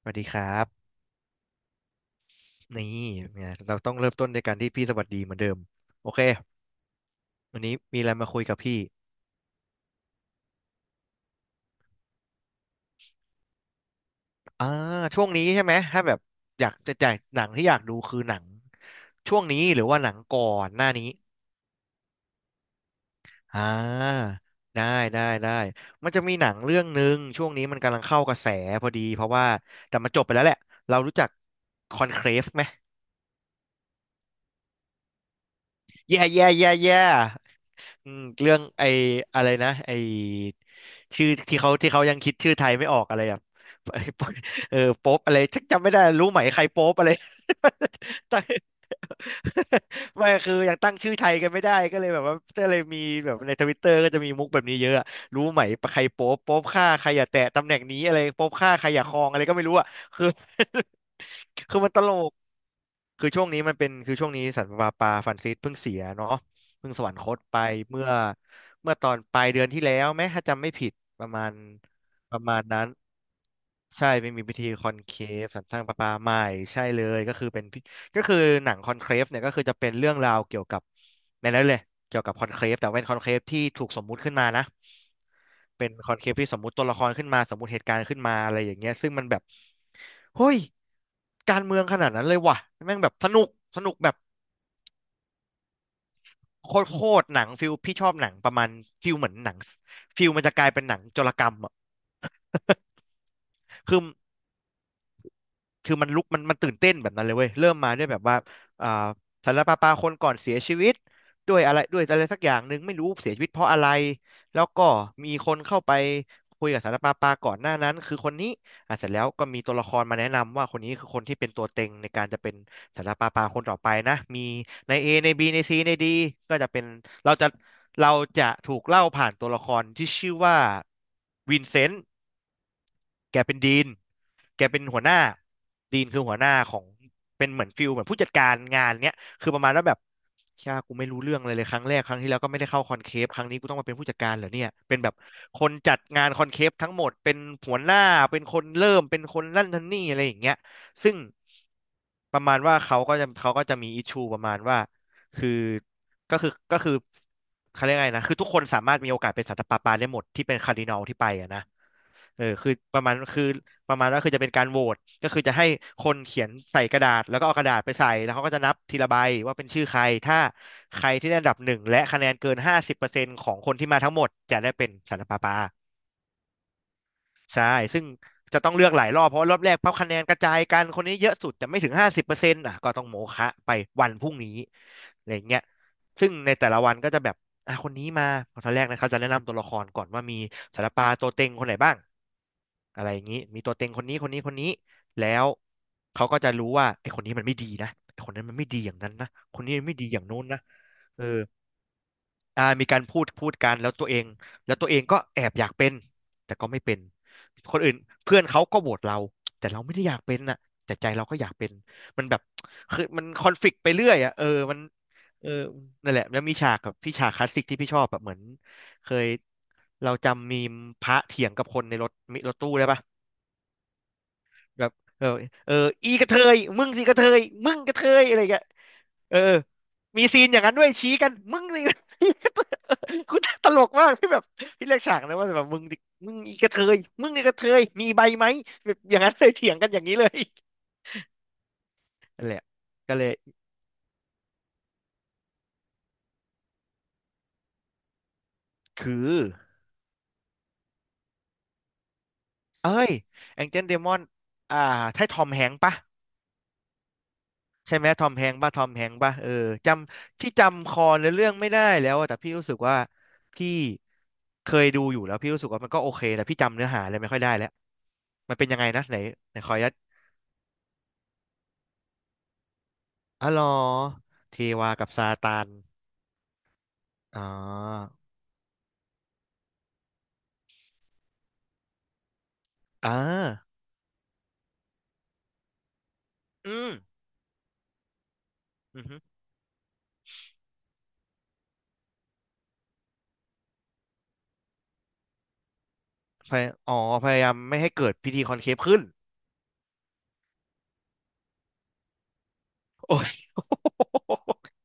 สวัสดีครับนี่เนี่ยเราต้องเริ่มต้นด้วยการที่พี่สวัสดีเหมือนเดิมโอเควันนี้มีอะไรมาคุยกับพี่อ่าช่วงนี้ใช่ไหมถ้าแบบอยากจะจ่ายหนังที่อยากดูคือหนังช่วงนี้หรือว่าหนังก่อนหน้านี้อ่าได้ได้มันจะมีหนังเรื่องหนึ่งช่วงนี้มันกำลังเข้ากระแสพอดีเพราะว่าแต่มันจบไปแล้วแหละเรารู้จักคอนเคลฟไหมแย่ อืมเรื่องไอ้อะไรนะไอ้ชื่อที่เขายังคิดชื่อไทยไม่ออกอะไรแ่บ เออโป๊ปอะไรจำไม่ได้รู้ไหมใครโป๊ปอะไร ตั้ง ไม่คือยังตั้งชื่อไทยกันไม่ได้ก็เลยมีแบบในทวิตเตอร์ก็จะมีมุกแบบนี้เยอะอะรู้ไหมใครโป๊ปโป๊ปฆ่าใครอย่าแตะตำแหน่งนี้อะไรโป๊ปฆ่าใครอย่าครองอะไรก็ไม่รู้อ่ะคือ คือมันตลก คือช่วงนี้สันวาปาฟรานซิสเพิ่งเสียเนาะเพิ่งสวรรคตไปเมื่อเมื่อตอนปลายเดือนที่แล้วแม้ถ้าจำไม่ผิดประมาณประมาณนั้นใช่ไม่มีพิธีคอนเคฟสันสร้างประปาใหม่ใช่เลยก็คือเป็นพิก็คือหนังคอนเคฟเนี่ยก็คือจะเป็นเรื่องราวเกี่ยวกับในนั้นเลยเกี่ยวกับคอนเคฟแต่เป็นคอนเคฟที่ถูกสมมุติขึ้นมานะ เป็นคอนเคปที่สมมุติตัวละครขึ้นมาสมมุติเหตุการณ์ขึ้นมาอะไรอย่างเงี้ยซึ่งมันแบบเฮ้ยการเมืองขนาดนั้นเลยว่ะแม่งแบบสนุกสนุกแบบโคตรโคตรหนังฟิลพี่ชอบหนังประมาณฟิลเหมือนหนังฟิลมันจะกลายเป็นหนังโจรกรรมอ่ะ คือ คือมันตื่นเต้นแบบนั้นเลยเว้ยเริ่มมาด้วยแบบว่าอ่าสารปาปาคนก่อนเสียชีวิตด้วยอะไรสักอย่างหนึ่งไม่รู้เสียชีวิตเพราะอะไรแล้วก็มีคนเข้าไปคุยกับสารปาปาก่อนหน้านั้นคือคนนี้อ่ะเสร็จแล้วก็มีตัวละครมาแนะนำว่าคนนี้คือคนที่เป็นตัวเต็งในการจะเป็นสารปาปาคนต่อไปนะมีใน A ใน B ใน C ใน D ก็จะเป็นเราจะเราจะถูกเล่าผ่านตัวละครที่ชื่อว่าวินเซนต์แกเป็นดีน แกเป็นหัวหน้าดีนคือหัวหน้าของเป็นเหมือนฟิลเหมือนผู้จัดการงานเนี้ยคือประมาณว่าแบบเชี่ยกูไม่รู้เรื่องเลยครั้งแรกครั้งที่แล้วก็ไม่ได้เข้าคอนเคปครั้งนี้กูต้องมาเป็นผู้จัดการเหรอเนี่ยเป็นแบบคนจัดงานคอนเคปทั้งหมดเป็นหัวหน้าเป็นคนเริ่มเป็นคนนั่นทำนี่อะไรอย่างเงี้ยซึ่งประมาณว่าเขาก็จะมีอิชชูประมาณว่าคือก็คือเขาเรียกไงนะคือทุกคนสามารถมีโอกาสเป็นสันตะปาปาได้หมดที่เป็นคาร์ดินัลที่ไปอะนะเออคือประมาณคือ ประมาณว่าคือจะเป็นการโหวตก็คือจะให้คนเขียนใส่กระดาษแล้วก็เอากระดาษไปใส่แล้วเขาก็จะนับทีละใบว่าเป็นชื่อใครถ้าใครที่ได้อันดับหนึ่งและคะแนนเกินห้าสิบเปอร์เซ็นต์ของคนที่มาทั้งหมดจะได้เป็นสันตะปาปา ใช่ซึ่งจะต้องเลือกหลายรอบเพราะว่ารอบแรกพับคะแนนกระจายกัน คนนี้เยอะสุดแต่ไม่ถึงห้าสิบเปอร์เซ็นต์อ่ะก็ต้องโมฆะไปวันพรุ่งนี้อะไรอย่างเงี้ยซึ่งในแต่ละวันก็จะแบบอ่ะคนนี้มาตอนแรกนะเขาจะแนะนำตัวละครก่อนว่ามีศิลปะตัวเต็งคนไหนบ้าง อะไรอย่างนี้มีตัวเต็งคนนี้คนนี้แล้วเขาก็จะรู้ว่าไอ้คนนี้มันไม่ดีนะไอ้คนนั้นมันไม่ดีอย่างนั้นนะคนนี้มันไม่ดีอย่างโน้นนะเออ มีการพูดกันแล้วตัวเองแล้วตัวเองก็แอบอยากเป็นแต่ก็ไม่เป็นคนอื่นเพื่อนเขาก็โหวตเราแต่เราไม่ได้อยากเป็นน่ะแต่ใจเราก็อยากเป็นมันแบบคือมันคอนฟ lict ไปเรื่อยอ่ะเออมันเออนั่นแหละแล้วมีฉากกับพี่ฉากคลาสสิกที่พี่ชอบแบบเหมือนเคยเราจำมีมพระเถียงกับคนในรถรถตู้ได้ปะ แบบเออเอออีกระเทยมึงสิกระเทยมึงกระเทยอะไรเงี้ยเออมีซีนอย่างนั้นด้วยชี้กันมึงสิอีกระเทย กูตลกมากพี่แบบพี่เรียกฉากนะว่าแบบมึงดิมึงอีกระเทยมึงอีกระเทยมีใบไหมแบบอย่างนั้นเลยเถียงกันอย่างนี้เลยนั่นแหละก็เลยคือเอ้ยแองเจิลเดมอนอ่าใช่ทอมแฮงค์ปะ ใช่ไหมทอมแฮงค์ป่ะทอมแฮงค์ป่ะเออจำที่จำคอในเรื่องไม่ได้แล้วอะแต่พี่รู้สึกว่าพี่เคยดูอยู่แล้วพี่รู้สึกว่ามันก็โอเคแต่พี่จำเนื้อหาอะไรไม่ค่อยได้แล้วมันเป็นยังไงนะไหนไหนขออนุญาตอ๋อเหรอเทวากับซาตานอ๋ออ่าอืมอือฮึพยอ๋อพยายามไม่ให้เกิดพิธีคอนเคฟขึ้น โอ้โห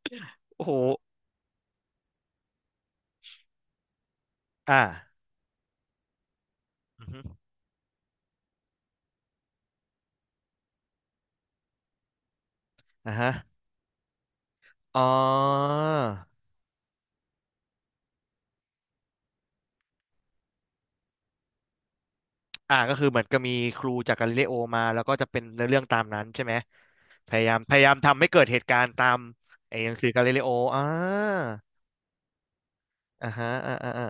โอ้โหอ่าอือฮึอ่าฮะอ๋อ ก็คือเหมือนก็มีครูจากกาลิเลโอมาแล้วก็จะเป็นเนื้อเรื่องตามนั้นใช่ไหมพยายามทำให้เกิดเหตุการณ์ตามไอ้หนังสือกาลิเลโออ่าอ่าฮะอ่าอ่าอ่า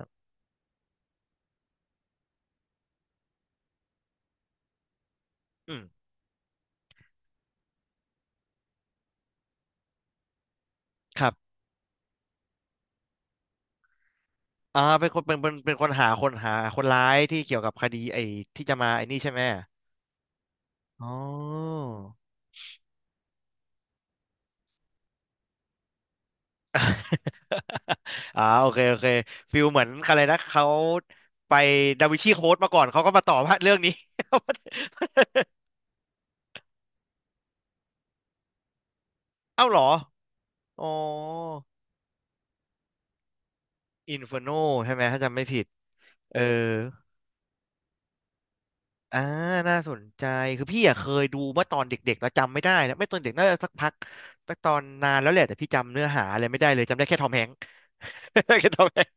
อืมครับเป็นคนเป็นคนหาคนหาคนร้ายที่เกี่ยวกับคดีไอ้ที่จะมาไอ้นี่ใช่ไหมอ๋อ โอเคโอเคฟิลเหมือนอะไรนะเขาไปดาวินชีโค้ดมาก่อนเขาก็มาต่อว่าเรื่องนี้ เอ้าเหรออ๋ออินเฟอร์โนใช่ไหมถ้าจำไม่ผิดเออ อ่าน่าสนใจคือพี่อะเคยดูเมื่อตอนเด็กๆแล้วจำไม่ได้นะไม่ตอนเด็กน่าจะสักพักสักตอนนานแล้วแหละแต่พี่จำเนื้อหาอะไรไม่ได้เลยจำได้แค่ทอมแฮงค์ แค่ทอมแฮงค์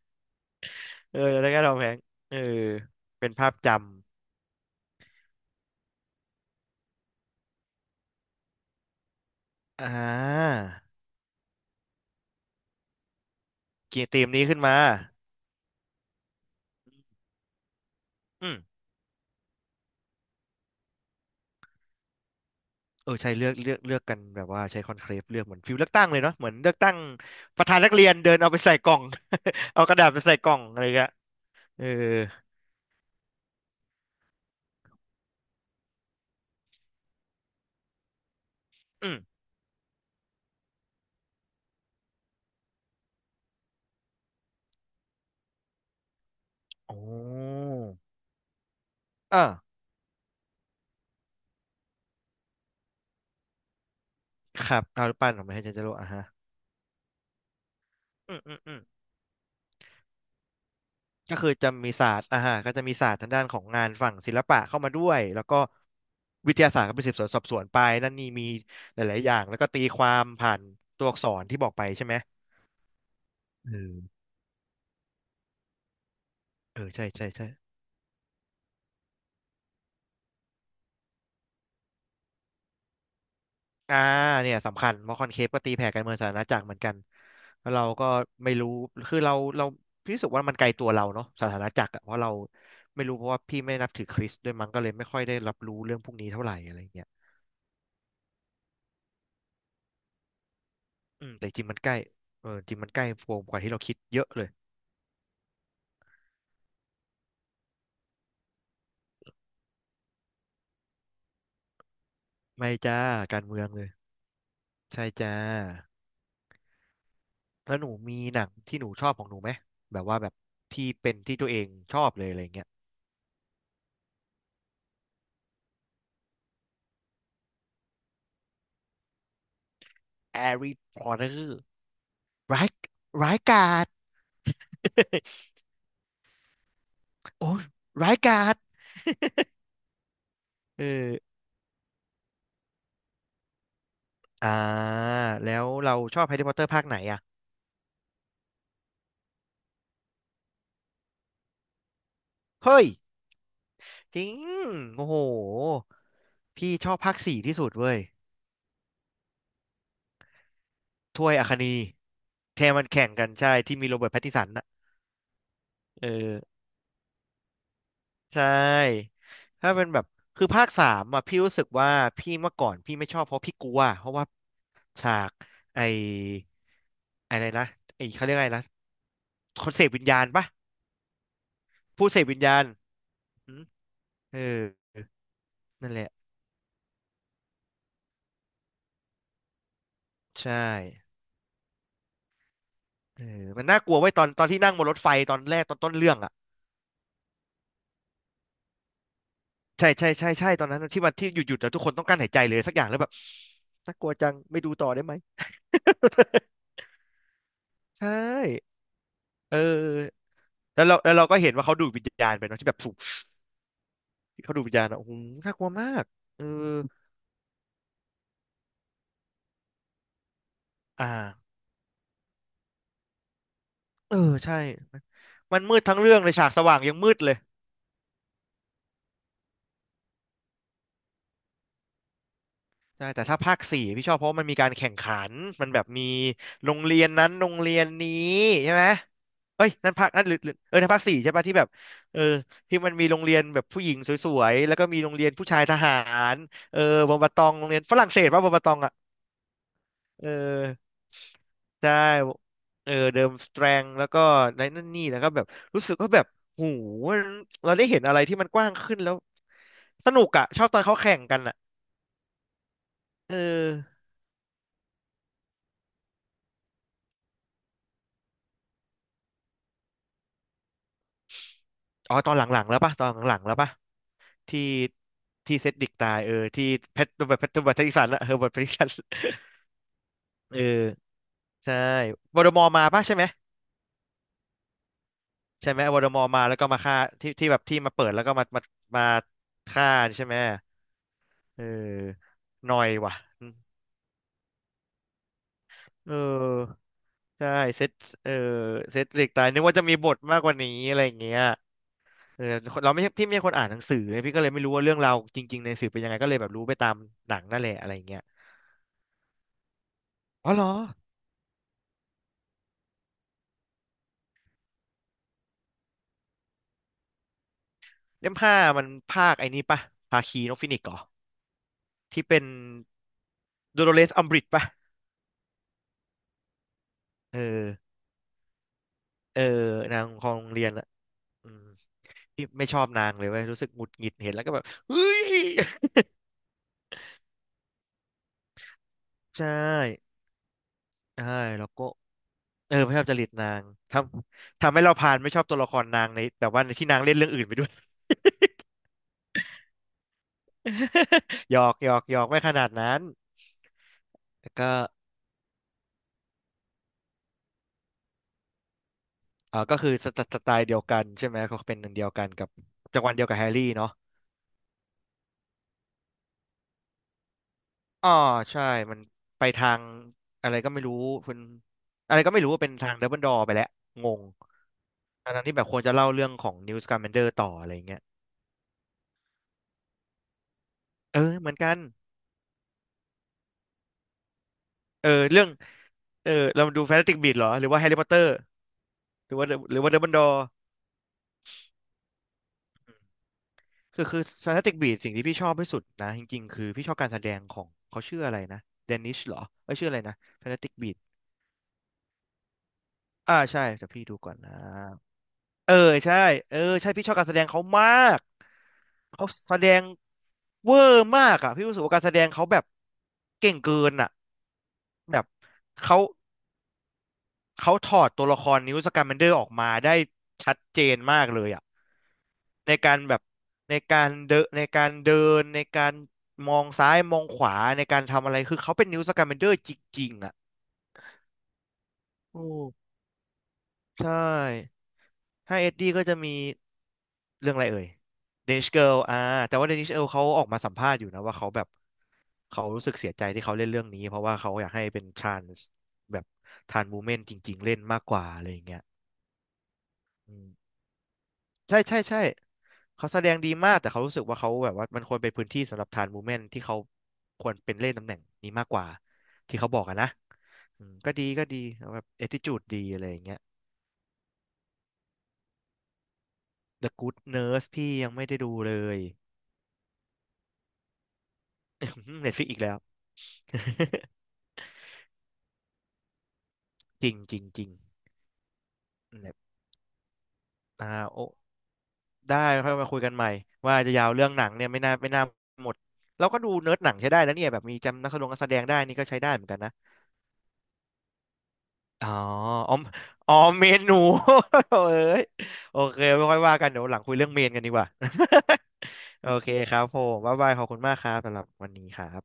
เออได้แค่ทอมแฮงค์เออเป็นภาพจำเกี่ยวกับธีมนี้ขึ้นมาอืมเออใช่เลือกกันแบบว่าใช้คอนเคลฟเลือกเหมือนฟิลเลือกตั้งเลยเนาะเหมือนเลือกตั้งประธานนักเรียนเดินเอาไปใส่กล่อง เอากระดาษไปใส่กล่องอะไรเงี้ยเอออืมโอ้อ่าครับเอารูปปั้นของพระเจ้าเจโรอ่าฮะ อืมอืมอืมก็คือจะมีศาสตร์อ่าฮะก็จะมีศาสตร์ทางด้านของงานฝั่งศิลปะเข้ามาด้วยแล้วก็วิทยาศาสตร์ก็เป็นสืบสวนสอบสวนไปนั่นนี่มีหลายๆอย่างแล้วก็ตีความผ่านตัวอักษรที่บอกไปใช่ไหมเออเออใช่ใช่ใช่อ่าเนี่ยสำคัญเพราะคอนเคปก็ตีแผ่การเมืองสาธารณจักรเหมือนกันแล้วเราก็ไม่รู้คือเราพี่รู้สึกว่ามันไกลตัวเราเนาะสาธารณจักรอะเพราะเราไม่รู้เพราะว่าพี่ไม่นับถือคริสต์ด้วยมั้งก็เลยไม่ค่อยได้รับรู้เรื่องพวกนี้เท่าไหร่อะไรอย่างเงี้ย อืมแต่จริงมันใกล้เออจริงมันใกล้โวมกว่าที่เราคิดเยอะเลยไม่จ้าการเมืองเลยใช่จ้าแล้วหนูมีหนังที่หนูชอบของหนูไหมแบบว่าแบบที่เป็นที่ตัวเองชอบเลยอะไรเงี้ยแฮร์รี่พอตเตอร์ร้ายร้ายกาจ โอ้ยร้ายกาจ เอออ่าแล้วเราชอบแฮร์รี่พอตเตอร์ภาคไหนอ่ะเฮ้ยจริงโอ้โหพี่ชอบภาคสี่ที่สุดเว้ยถ้วยอัคนีแทมันแข่งกันใช่ที่มีโรเบิร์ตแพตตินสัน เออใช่ถ้าเป็นแบบคือภาคสามอ่ะพี่รู้สึกว่าพี่เมื่อก่อนพี่ไม่ชอบเพราะพี่กลัวเพราะว่าฉากไอ้อะไรนะไอ้เขาเรียกอะไรนะคนเสพวิญญาณปะผู้เสพวิญญาณอืมเออนั่นแหละใช่เออมันน่ากลัวไว้ยตอนที่นั่งบนรถไฟตอนแรกตอนต้นเรื่องอ่ะใช่ใช่ใช่ใช่ตอนนั้นที่มันที่หยุดแล้วทุกคนต้องกั้นหายใจเลยสักอย่างแล้วแบบน่ากลัวจังไม่ดูต่อได้ไหม ใช่เออ แล้วเราแล้วเราก็เห็นว่าเขาดูดวิญญาณไปเนาะที่แบบสูบเขาดูดวิญญาณอะโอ้โหน่ากลัวมากเอออ่าเออใช่มันมืดทั้งเรื่องเลยฉากสว่างยังมืดเลยใช่แต่ถ้าภาคสี่พี่ชอบเพราะว่ามันมีการแข่งขันมันแบบมีโรงเรียนนั้นโรงเรียนนี้ใช่ไหมเอ้ยนั่นภาคนั่นหรือหรือเออนั่นภาคสี่ใช่ปะที่แบบเออที่มันมีโรงเรียนแบบผู้หญิงสวยๆแล้วก็มีโรงเรียนผู้ชายทหารเออบอมบะตองโรงเรียนฝรั่งเศสป่ะบอมบะตองอะ เออใช่เออเดิมสแตรงแล้วก็ในนั่นนี่แล้วก็แบบรู้สึกว่าแบบหูมันเราได้เห็นอะไรที่มันกว้างขึ้นแล้วสนุกอะชอบตอนเขาแข่งกันอะเออตอนหลังๆแล้วป่ะตอนหลังๆแล้วป่ะที่ที่เซดดิกตายเออที่แพทริกสันอะ เฮอร์เบิร์ตแพทริกสันเออใช่วอร์ดมอร์มาป่ะใช่ไหมใช่ไหมวอร์ดมอร์มาแล้วก็มาฆ่าที่ที่แบบที่มาเปิดแล้วก็มาฆ่าใช่ไหมเออหน่อยว่ะ เออใช่เซตเออเซตเหล็กตายนึกว่าจะมีบทมากกว่านี้อะไรอย่างเงี้ยเออเราไม่ใช่พี่ไม่ใช่คนอ่านหนังสือไงพี่ก็เลยไม่รู้ว่าเรื่องราวจริงๆในสื่อเป็นยังไงก็เลยแบบรู้ไปตามหนังนั่นแหละอะไรอย่างเงี้ยอ๋อเหรอเล่มห้ามันภาคไอ้นี่ปะภาคีนกฟินิกซ์เหรอที่เป็นโดโ o เลสอัมบริดปะเออเออนางของโรงเรียนอะอืมพี่ไม่ชอบนางเลยเว้ยรู้สึกหงุดหงิดเห็นแล้วก็แบบเฮ้ยใช่ใช่แล้วก็ เออไม่ชอบจริตนางททำให้เราพานไม่ชอบตัวละครนางในแบบว่าในที่นางเล่นเรื่องอื่นไปด้วย หยอกหยอกหยอกไม่ขนาดนั้นแล้วก็เออก็คือสไตล์เดียวกันใช่ไหมเขาเป็นอันเดียวกันกับจังหวะเดียวกับแฮร์รี่เนาะอ๋อใช่มันไปทางอะไรก็ไม่รู้เป็นอะไรก็ไม่รู้ว่าเป็นทางดัมเบิลดอร์ไปแล้วงงทั้งๆที่แบบควรจะเล่าเรื่องของนิวส์การ์แมนเดอร์ต่ออะไรอย่างเงี้ยเออเหมือนกันเออเรื่องเออเรามาดูแฟนตาสติกบีสต์เหรอหรือว่าแฮร์รี่พอตเตอร์ หรือว่า หรือว่าเดอะบันดอร์คือฟนตติกบีสิ่งที่พี่ชอบที่สุดนะจริงๆคือพี่ชอบการแสดงของเขาชื่ออะไรนะเดนิชเหรอเอยชื่ออะไรนะฟนตาติกบีทอ่าใช่แต่พี่ดูก่อนนะเออใช่เออใช่พี่ชอบการแสดงเขามากเขาแสดงเวอร์มากอ่ะพี่รู้สึกว่าการแสดงเขาแบบเก่งเกินอ่ะแบบเขา เขาถอดตัวละครนิวสแกมแมนเดอร์ออกมาได้ชัดเจนมากเลยอ่ะในการแบบในการเดินในการมองซ้ายมองขวาในการทำอะไรคือเขาเป็นนิวสกมแมนเดอร์จริงๆอ่ะโอ้ใช่ถ้าเอ็ดดี้ก็จะมีเรื่องอะไรเอ่ยเดนิชเกิลอ่าแต่ว่าเดนิชเกิลเขาออกมาสัมภาษณ์อยู่นะว่าเขาแบบเขารู้สึกเสียใจที่เขาเล่นเรื่องนี้เพราะว่าเขาอยากให้เป็นทรานส์แบบทรานส์วูแมนจริงๆเล่นมากกว่าอะไรอย่างเงี้ยอืม ใช่ใช่ใช่เขาแสดงดีมากแต่เขารู้สึกว่าเขาแบบว่ามันควรเป็นพื้นที่สำหรับทรานส์มูฟเมนต์ที่เขาควรเป็นเล่นตำแหน่งนี้มากกว่าที่เขาบอกอะนนะอืมก็ดีก็ดีแบบแอทิจูดดีอะไรอย่างเงี้ย The Good Nurse พี่ยังไม่ได้ดูเลย Netflix อีกแล้ว จริงจริงจริงเนี่ยอ่าโอ้ได้ค่อยมาคุยกันใหม่ว่าจะยาวเรื่องหนังเนี่ยไม่น่าหมดเราก็ดูเนิร์ดหนังใช้ได้นะเนี่ยแบบมีจำนักแสดงได้นี่ก็ใช้ได้เหมือนกันนะ อ๋ออ๋ออ๋อเมนหนู เอ้ยโอเค ไม่ค่อยว่ากันเดี๋ยวหลังคุยเรื่องเมนกันดีกว่า โอเคครับผมบ๊ายบายขอบคุณมากครับสำหรับวันนี้ครับ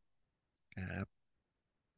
ครับ